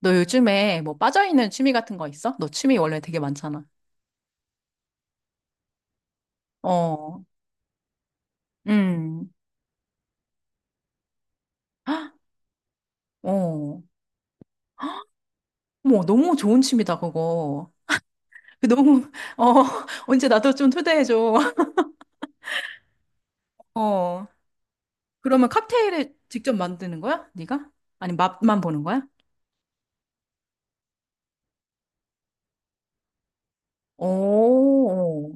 너 요즘에 뭐 빠져있는 취미 같은 거 있어? 너 취미 원래 되게 많잖아. 어, 음, 헉, 어. 뭐 너무 좋은 취미다, 그거. 그 너무, 어, 언제 나도 좀 초대해줘. 어, 그러면 칵테일을 직접 만드는 거야? 네가? 아니, 맛만 보는 거야? 오,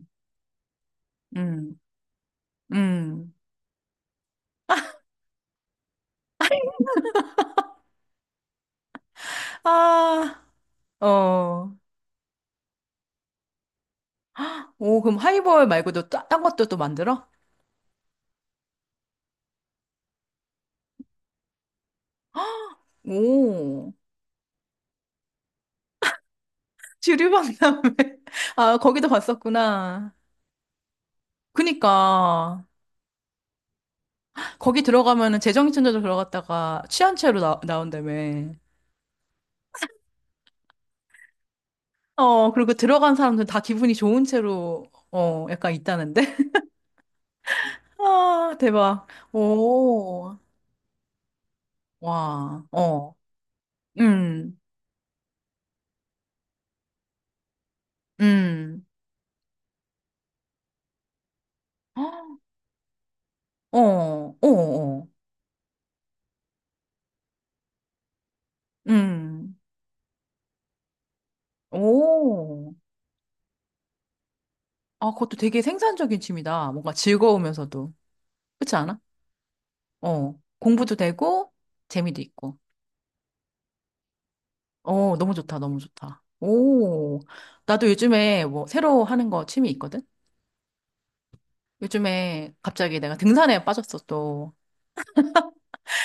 음, 음. 아, 어. 오, 그럼 하이볼 말고도 딴 것도 또 만들어? 오, 주류 박람회. 아, 거기도 봤었구나. 그니까 거기 들어가면은 재정신천사로 들어갔다가 취한 채로 나온다며. 어, 그리고 들어간 사람들 다 기분이 좋은 채로 어, 약간 있다는데. 아, 대박. 오. 와. 어. 음. 음. 어. 어. 어. 음. 오. 아, 그것도 되게 생산적인 취미다. 뭔가 즐거우면서도. 그렇지 않아? 어. 공부도 되고 재미도 있고. 어, 너무 좋다, 너무 좋다. 오, 나도 요즘에 뭐 새로 하는 거 취미 있거든? 요즘에 갑자기 내가 등산에 빠졌어, 또.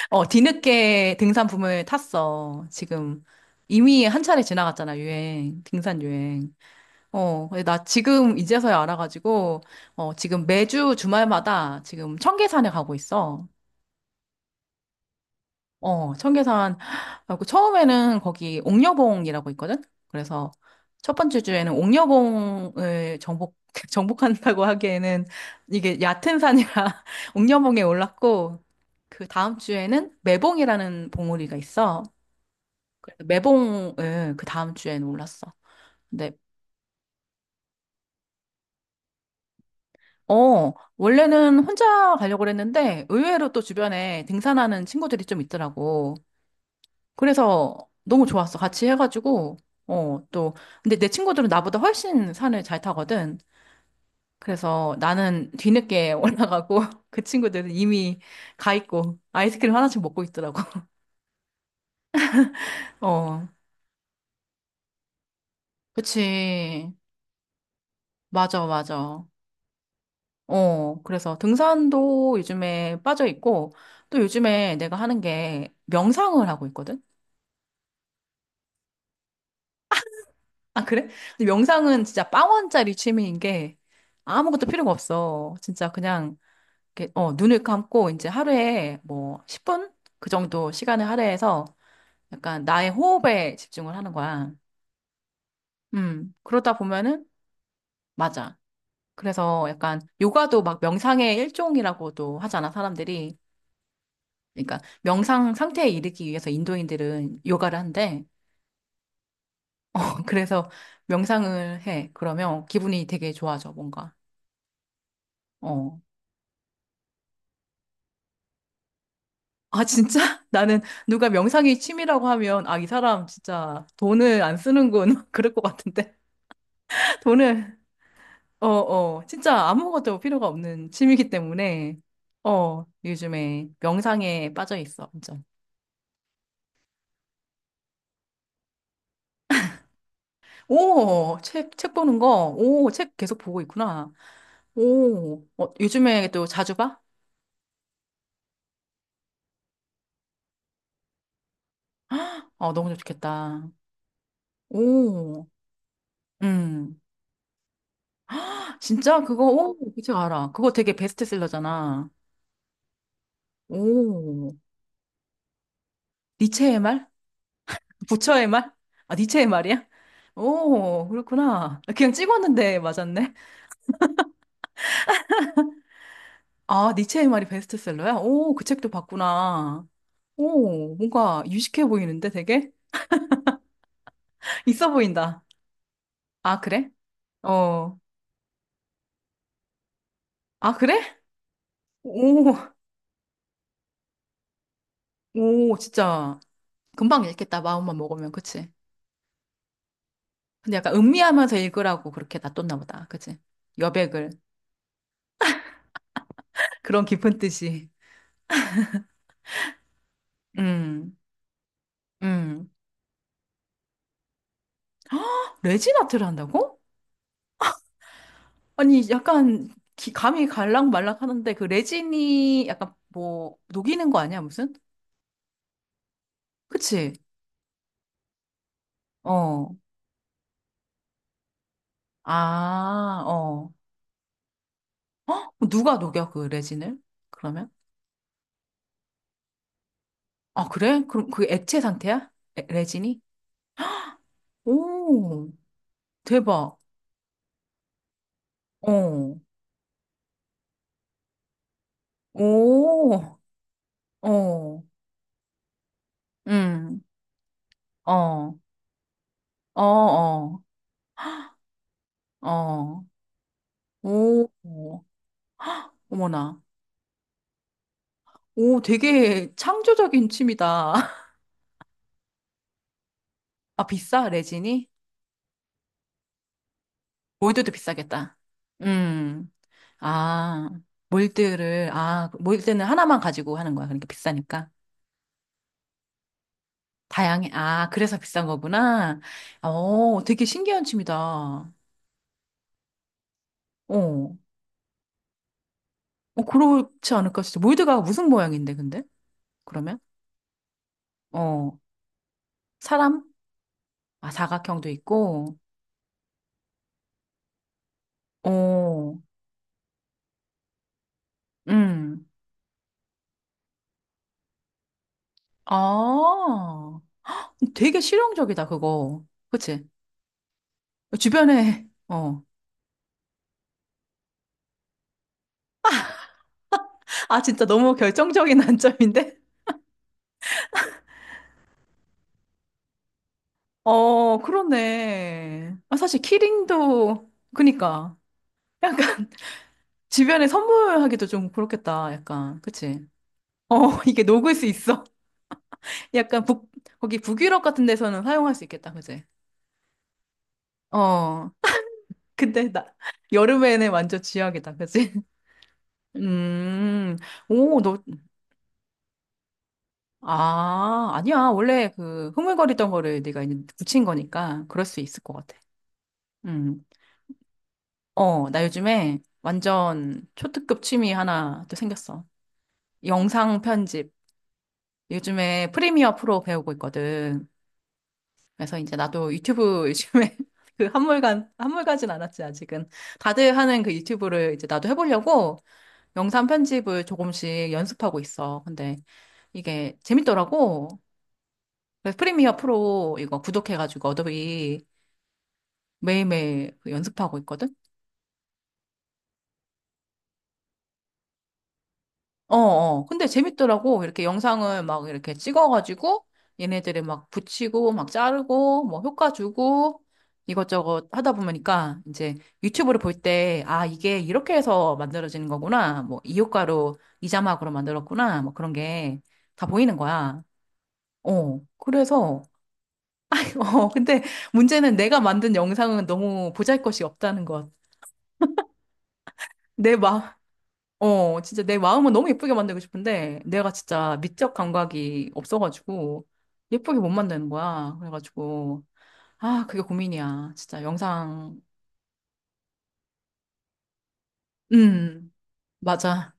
어, 뒤늦게 등산 붐을 탔어. 지금 이미 한 차례 지나갔잖아, 유행. 등산 유행. 어, 근데 나 지금 이제서야 알아가지고, 어, 지금 매주 주말마다 지금 청계산에 가고 있어. 어, 청계산. 하고 처음에는 거기 옥녀봉이라고 있거든? 그래서 첫 번째 주에는 옥녀봉을 정복, 정복한다고 하기에는 이게 얕은 산이라 옥녀봉에 올랐고, 그 다음 주에는 매봉이라는 봉우리가 있어. 그래서 매봉을 그 다음 주에는 올랐어. 근데, 어, 원래는 혼자 가려고 그랬는데 의외로 또 주변에 등산하는 친구들이 좀 있더라고. 그래서 너무 좋았어. 같이 해가지고, 어, 또. 근데 내 친구들은 나보다 훨씬 산을 잘 타거든. 그래서 나는 뒤늦게 올라가고, 그 친구들은 이미 가 있고, 아이스크림 하나씩 먹고 있더라고. 어, 그치. 맞아, 맞아. 어, 그래서 등산도 요즘에 빠져 있고, 또 요즘에 내가 하는 게 명상을 하고 있거든? 아, 그래? 근데 명상은 진짜 빵원짜리 취미인 게 아무것도 필요가 없어. 진짜 그냥 이렇게, 어, 눈을 감고 이제 하루에 뭐 10분? 그 정도 시간을 할애해서 약간 나의 호흡에 집중을 하는 거야. 그러다 보면은, 맞아. 그래서 약간 요가도 막 명상의 일종이라고도 하잖아, 사람들이. 그러니까 명상 상태에 이르기 위해서 인도인들은 요가를 한대. 그래서 명상을 해. 그러면 기분이 되게 좋아져, 뭔가. 어. 아, 진짜? 나는 누가 명상이 취미라고 하면, 아, 이 사람 진짜 돈을 안 쓰는군. 그럴 것 같은데. 돈을, 어, 어, 진짜 아무것도 필요가 없는 취미이기 때문에, 어, 요즘에 명상에 빠져 있어, 완전. 오, 책, 책 보는 거, 오, 책 계속 보고 있구나. 오, 어, 요즘에 또 자주 봐? 어, 너무 좋겠다. 오, 음. 진짜 그거, 오, 그책 알아. 그거 되게 베스트셀러잖아. 오, 니체의 말? 부처의 말? 아, 니체의 말이야? 오, 그렇구나. 그냥 찍었는데 맞았네. 아, 니체의 말이 베스트셀러야? 오, 그 책도 봤구나. 오, 뭔가 유식해 보이는데 되게? 있어 보인다. 아, 그래? 어. 아, 그래? 오, 오, 진짜. 금방 읽겠다, 마음만 먹으면. 그치? 근데 약간 음미하면서 읽으라고 그렇게 놔뒀나 보다. 그치? 여백을. 그런 깊은 뜻이. 음, 음. 레진아트를 한다고? 아니, 약간 감이 갈락말락 하는데 그 레진이 약간 뭐 녹이는 거 아니야, 무슨? 그치? 어. 아, 어. 어? 누가 녹여, 그 레진을? 그러면? 아, 그래? 그럼 그 액체 상태야? 레진이? 오, 대박. 어, 오, 어, 음, 어, 어, 어, 어, 오, 오. 어머나. 오, 되게 창조적인 취미다. 아, 비싸, 레진이? 몰드도 비싸겠다. 음, 아, 몰드를, 아, 몰드는 하나만 가지고 하는 거야. 그러니까 비싸니까. 다양해. 아, 그래서 비싼 거구나. 어, 되게 신기한 취미다. 어, 어, 그렇지 않을까 진짜 몰드가 무슨 모양인데, 근데? 그러면? 어, 사람? 아, 사각형도 있고, 어, 음. 아, 되게 실용적이다, 그거. 그치? 주변에, 어. 아, 진짜 너무 결정적인 단점인데? 어, 그러네. 아, 사실 키링도, 그니까. 야, 주변에 선물하기도 좀 그렇겠다. 약간, 그치? 어, 이게 녹을 수 있어. 약간 북, 거기 북유럽 같은 데서는 사용할 수 있겠다. 그치? 어. 근데 나, 여름에는 완전 쥐약이다. 그치? 음. 오, 너, 아, 아니야. 원래 그 흐물거리던 거를 네가 이제 붙인 거니까 그럴 수 있을 것 같아. 음. 어, 나 요즘에 완전 초특급 취미 하나 또 생겼어. 영상 편집. 요즘에 프리미어 프로 배우고 있거든. 그래서 이제 나도 유튜브 요즘에 그 한물가진 않았지, 아직은. 다들 하는 그 유튜브를 이제 나도 해보려고 영상 편집을 조금씩 연습하고 있어. 근데 이게 재밌더라고. 그래서 프리미어 프로 이거 구독해가지고 어도비 매일매일 그 연습하고 있거든. 어, 어. 근데 재밌더라고. 이렇게 영상을 막 이렇게 찍어가지고 얘네들이 막 붙이고 막 자르고 뭐 효과 주고 이것저것 하다 보니까 이제 유튜브를 볼 때, 아, 이게 이렇게 해서 만들어지는 거구나. 뭐 이 효과로 이 자막으로 만들었구나. 뭐 그런 게 다 보이는 거야. 어. 그래서, 어, 근데 문제는 내가 만든 영상은 너무 보잘것이 없다는 것. 내 마, 어, 진짜 내 마음은 너무 예쁘게 만들고 싶은데, 내가 진짜 미적 감각이 없어가지고, 예쁘게 못 만드는 거야. 그래가지고, 아, 그게 고민이야. 진짜 영상, 음, 맞아,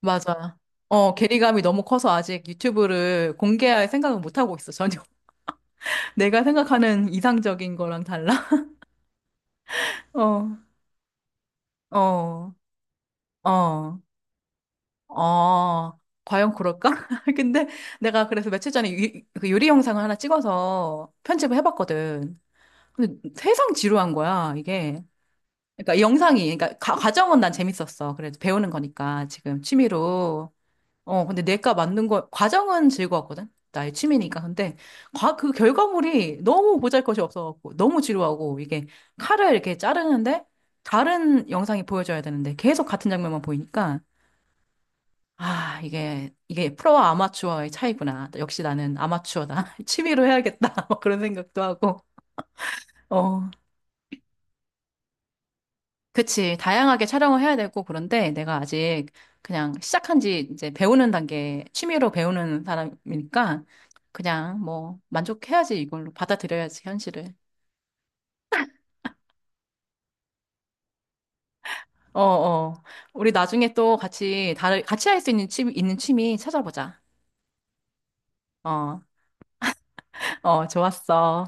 맞아. 어, 괴리감이 너무 커서 아직 유튜브를 공개할 생각은 못 하고 있어, 전혀. 내가 생각하는 이상적인 거랑 달라? 어, 어, 어, 어. 과연 그럴까? 근데 내가 그래서 며칠 전에 그 요리 영상을 하나 찍어서 편집을 해봤거든. 근데 세상 지루한 거야, 이게. 그러니까 영상이, 그러니까 과정은 난 재밌었어. 그래도 배우는 거니까 지금 취미로. 어, 근데 내가 만든 거, 과정은 즐거웠거든? 나의 취미니까. 근데 그 결과물이 너무 보잘것이 없어갖고, 너무 지루하고, 이게 칼을 이렇게 자르는데, 다른 영상이 보여줘야 되는데, 계속 같은 장면만 보이니까, 아, 이게, 이게 프로와 아마추어의 차이구나. 역시 나는 아마추어다. 취미로 해야겠다. 막 그런 생각도 하고. 어, 그치. 다양하게 촬영을 해야 되고, 그런데 내가 아직 그냥 시작한 지 이제 배우는 단계, 취미로 배우는 사람이니까 그냥 뭐 만족해야지 이걸로 받아들여야지, 현실을. 어, 어. 우리 나중에 또 같이, 같이 할 수 있는 취미, 있는 취미 찾아보자. 어, 어, 좋았어.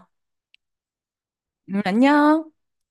안녕.